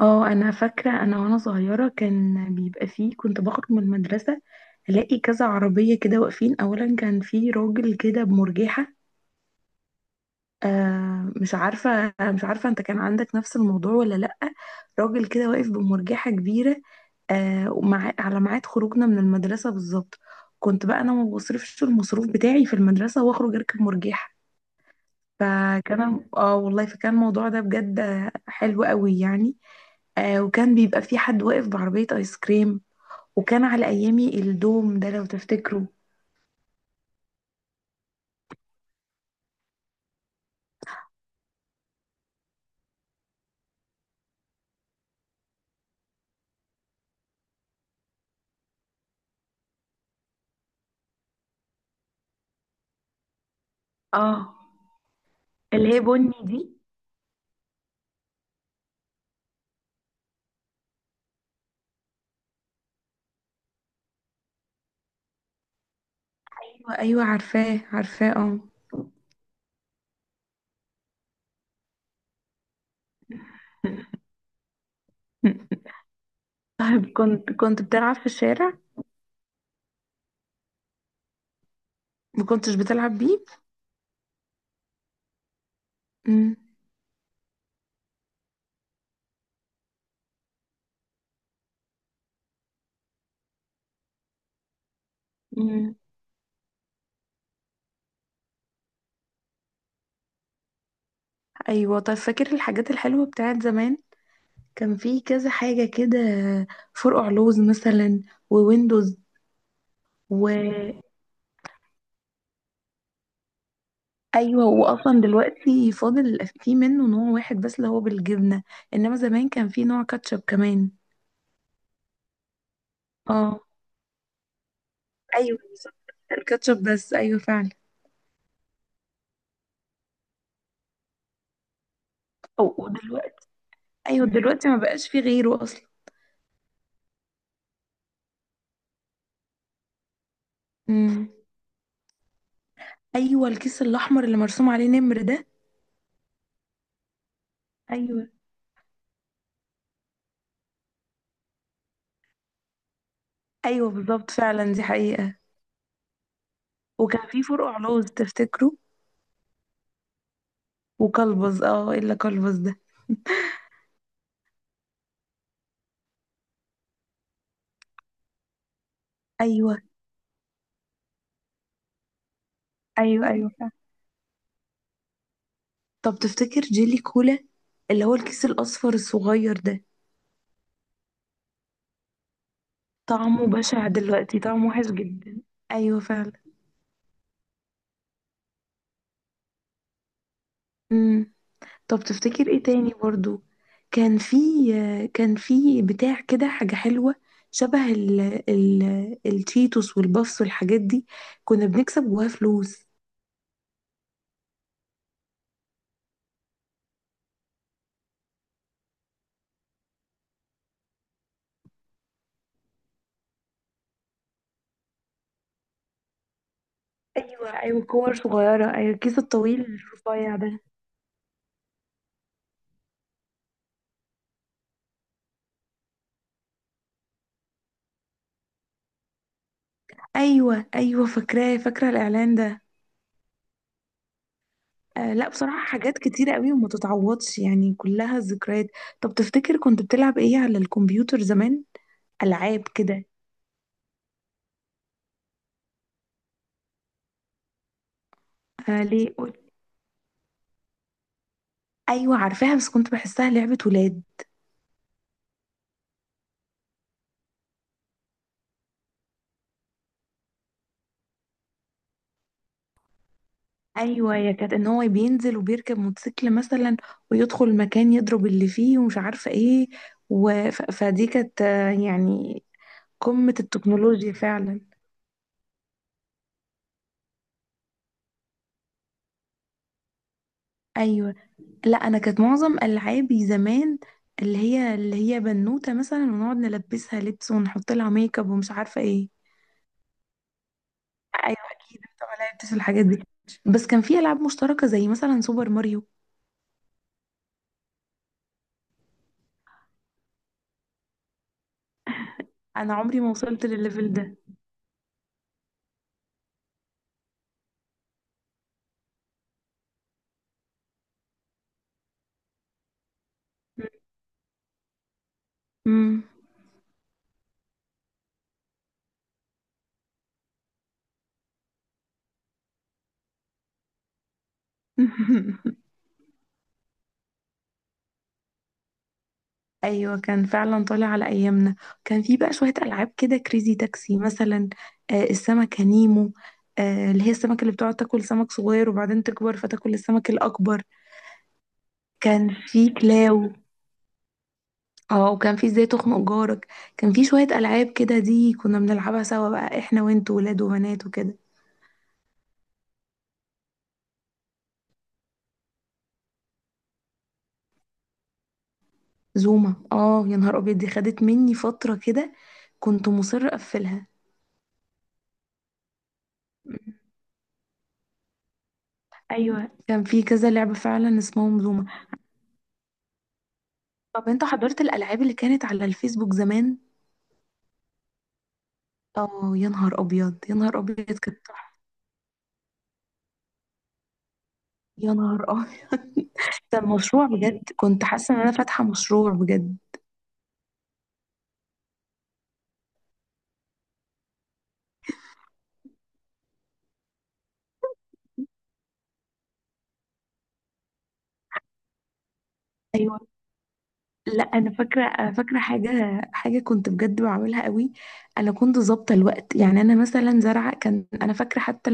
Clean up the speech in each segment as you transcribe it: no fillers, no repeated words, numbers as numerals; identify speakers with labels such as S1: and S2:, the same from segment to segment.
S1: اه، انا فاكره انا وانا صغيره كان بيبقى فيه كنت بخرج من المدرسه، الاقي كذا عربيه كده واقفين. اولا، كان في راجل كده بمرجحه. مش عارفه انت كان عندك نفس الموضوع ولا لا؟ راجل كده واقف بمرجحه كبيره. ومع على ميعاد خروجنا من المدرسه بالظبط. كنت بقى انا ما بصرفش المصروف بتاعي في المدرسه واخرج اركب مرجحه. اه والله، فكان الموضوع ده بجد حلو قوي يعني. وكان بيبقى في حد واقف بعربية ايس كريم، وكان على ايامي الدوم ده لو تفتكروا. اه. اللي هي بني دي. ايوه، ايوه، عارفاه، عارفاه، اه. كنت بتلعب في الشارع؟ ما كنتش بتلعب بيه؟ امم. امم. ايوه، طيب، فاكر الحاجات الحلوه بتاعت زمان؟ كان في كذا حاجه كده، فرقع لوز مثلا، وويندوز، و ايوه، واصلا دلوقتي فاضل فيه منه نوع واحد بس اللي هو بالجبنه. انما زمان كان فيه نوع كاتشب كمان. اه. ايوه، بالظبط. الكاتشب بس، ايوه فعلا. أو، ودلوقتي ايوه، دلوقتي ما بقاش فيه غيره اصلا. امم. ايوه، الكيس الاحمر اللي مرسوم عليه نمر ده. ايوه، ايوه، بالظبط، فعلا، دي حقيقه. وكان فيه فرقع لوز تفتكره؟ وكلبز، اه، الا كلبز ده. ايوه، ايوه، ايوه، فعلا. طب تفتكر جيلي كولا، اللي هو الكيس الاصفر الصغير ده؟ طعمه بشع دلوقتي، طعمه وحش جدا. ايوه فعلا. امم. طب تفتكر ايه تاني برضو؟ كان في كان في بتاع كده حاجة حلوة، شبه ال ال التشيتوس والبفس والحاجات دي، كنا بنكسب جواها فلوس. ايوه، ايوه كور صغيرة، ايوه الكيس الطويل الرفيع ده. ايوه، ايوه فاكراه، فاكرة الاعلان ده. آه، لا بصراحة حاجات كتيرة قوي وما تتعوضش يعني، كلها ذكريات. طب تفتكر كنت بتلعب ايه على الكمبيوتر زمان؟ ألعاب كده؟ آه، ليه ايوه عارفاها، بس كنت بحسها لعبة ولاد. ايوه، يا كانت ان هو بينزل وبيركب موتوسيكل مثلا، ويدخل المكان يضرب اللي فيه ومش عارفة ايه. و... فدي كانت، يعني، قمة التكنولوجيا فعلا. ايوه. لا انا كانت معظم العابي زمان، اللي هي بنوتة مثلا ونقعد نلبسها لبس ونحط لها ميك اب ومش عارفة ايه. ايوه، اكيد انت ما لعبتش الحاجات دي، بس كان في العاب مشتركة زي مثلا سوبر ماريو. انا عمري ما وصلت للليفل ده. مم. ايوه، كان فعلا طالع على ايامنا. كان في بقى شويه العاب كده، كريزي تاكسي مثلا، آه السمكه نيمو، آه اللي هي السمكه اللي بتقعد تاكل سمك صغير وبعدين تكبر فتاكل السمك الاكبر. كان في كلاو. اه، وكان في ازاي تخنق جارك. كان في شويه العاب كده دي كنا بنلعبها سوا بقى احنا وانت، ولاد وبنات وكده. زوما، اه يا نهار ابيض، دي خدت مني فتره كده، كنت مصر اقفلها. ايوه، كان في كذا لعبه فعلا اسمهم زوما. طب انت حضرت الالعاب اللي كانت على الفيسبوك زمان؟ اه يا نهار ابيض، يا نهار ابيض، كانت تحفة. يا نهار ابيض! ده المشروع بجد، كنت حاسه ان انا فاتحه مشروع بجد. ايوه، لا انا فاكره حاجه، حاجه كنت بجد بعملها قوي. انا كنت ظابطه الوقت يعني، انا مثلا زرعه كان، انا فاكره حتى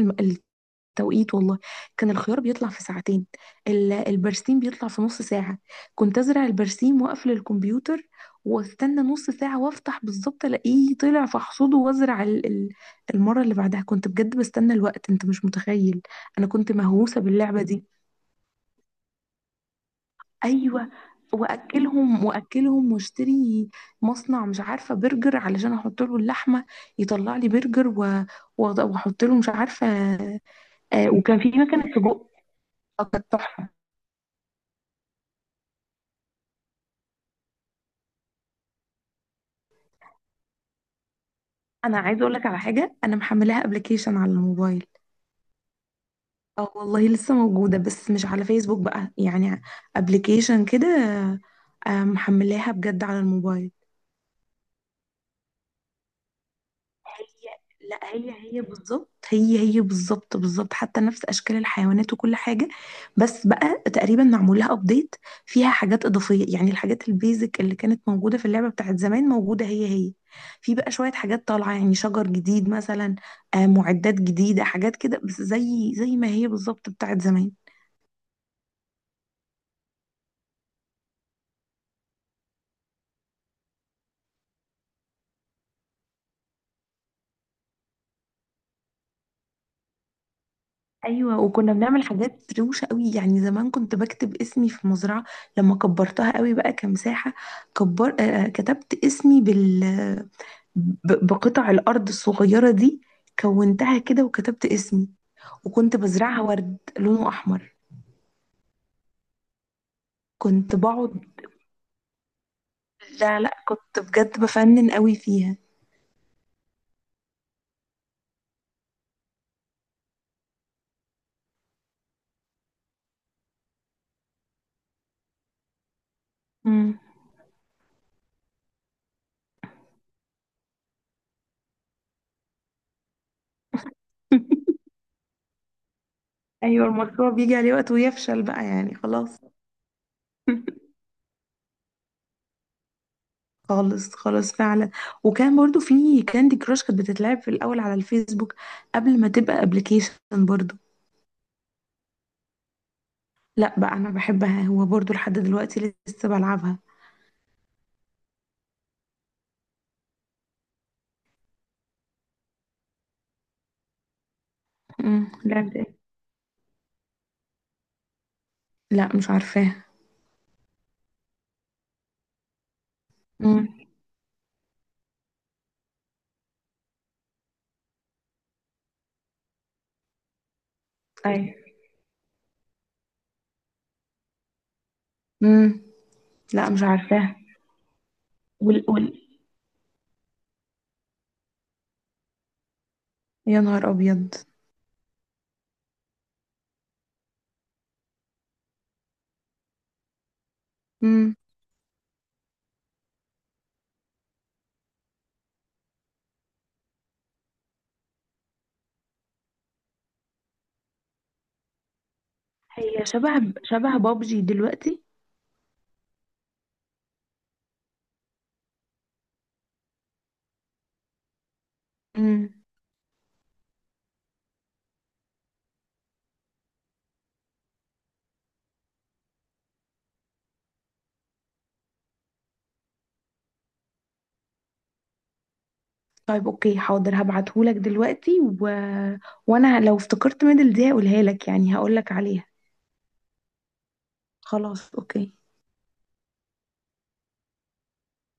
S1: توقيت والله. كان الخيار بيطلع في ساعتين، البرسيم بيطلع في نص ساعة. كنت أزرع البرسيم وأقفل الكمبيوتر، واستنى نص ساعة وافتح بالظبط، ألاقيه طلع فاحصده وأزرع المرة اللي بعدها. كنت بجد بستنى الوقت أنت مش متخيل. أنا كنت مهووسة باللعبة دي. أيوة، وأكلهم وأكلهم واشتري مصنع، مش عارفة برجر علشان أحط له اللحمة، يطلع لي برجر وأحط له مش عارفة. وكان في مكنة سجق. كانت تحفة. انا عايزه اقول لك على حاجه، انا محملاها ابلكيشن على الموبايل. اه والله لسه موجوده، بس مش على فيسبوك بقى يعني، ابلكيشن كده. محملاها بجد على الموبايل. هي لا، هي هي بالظبط، هي هي بالظبط بالظبط، حتى نفس اشكال الحيوانات وكل حاجه. بس بقى تقريبا معمول لها ابديت، فيها حاجات اضافيه يعني. الحاجات البيزك اللي كانت موجوده في اللعبه بتاعت زمان موجوده هي هي. في بقى شويه حاجات طالعه يعني، شجر جديد مثلا، معدات جديده، حاجات كده بس زي ما هي بالظبط بتاعت زمان. ايوه، وكنا بنعمل حاجات روشه قوي يعني، زمان كنت بكتب اسمي في مزرعه. لما كبرتها قوي بقى كمساحه، كبر آه كتبت اسمي بقطع الأرض الصغيرة دي. كونتها كده وكتبت اسمي، وكنت بزرعها ورد لونه أحمر. كنت بقعد، لا لا، كنت بجد بفنن قوي فيها. مم. أيوة، المشروع بيجي عليه وقت ويفشل بقى يعني، خلاص. خالص، خالص، فعلا. وكان برضو في كاندي كراش، كانت بتتلعب في الأول على الفيسبوك قبل ما تبقى ابلكيشن، برضو. لا بقى، أنا بحبها هو، برضو لحد دلوقتي لسه بلعبها. مم. لعبة ايه؟ لا مش عارفاها. امم. امم. لا مش عارفاها. وال وال يا نهار ابيض. امم. هي شبه بابجي دلوقتي. امم. طيب، اوكي، حاضر هبعتهولك دلوقتي، و... وانا لو افتكرت ميدل دي هقولها لك، يعني هقولك عليها. خلاص، اوكي.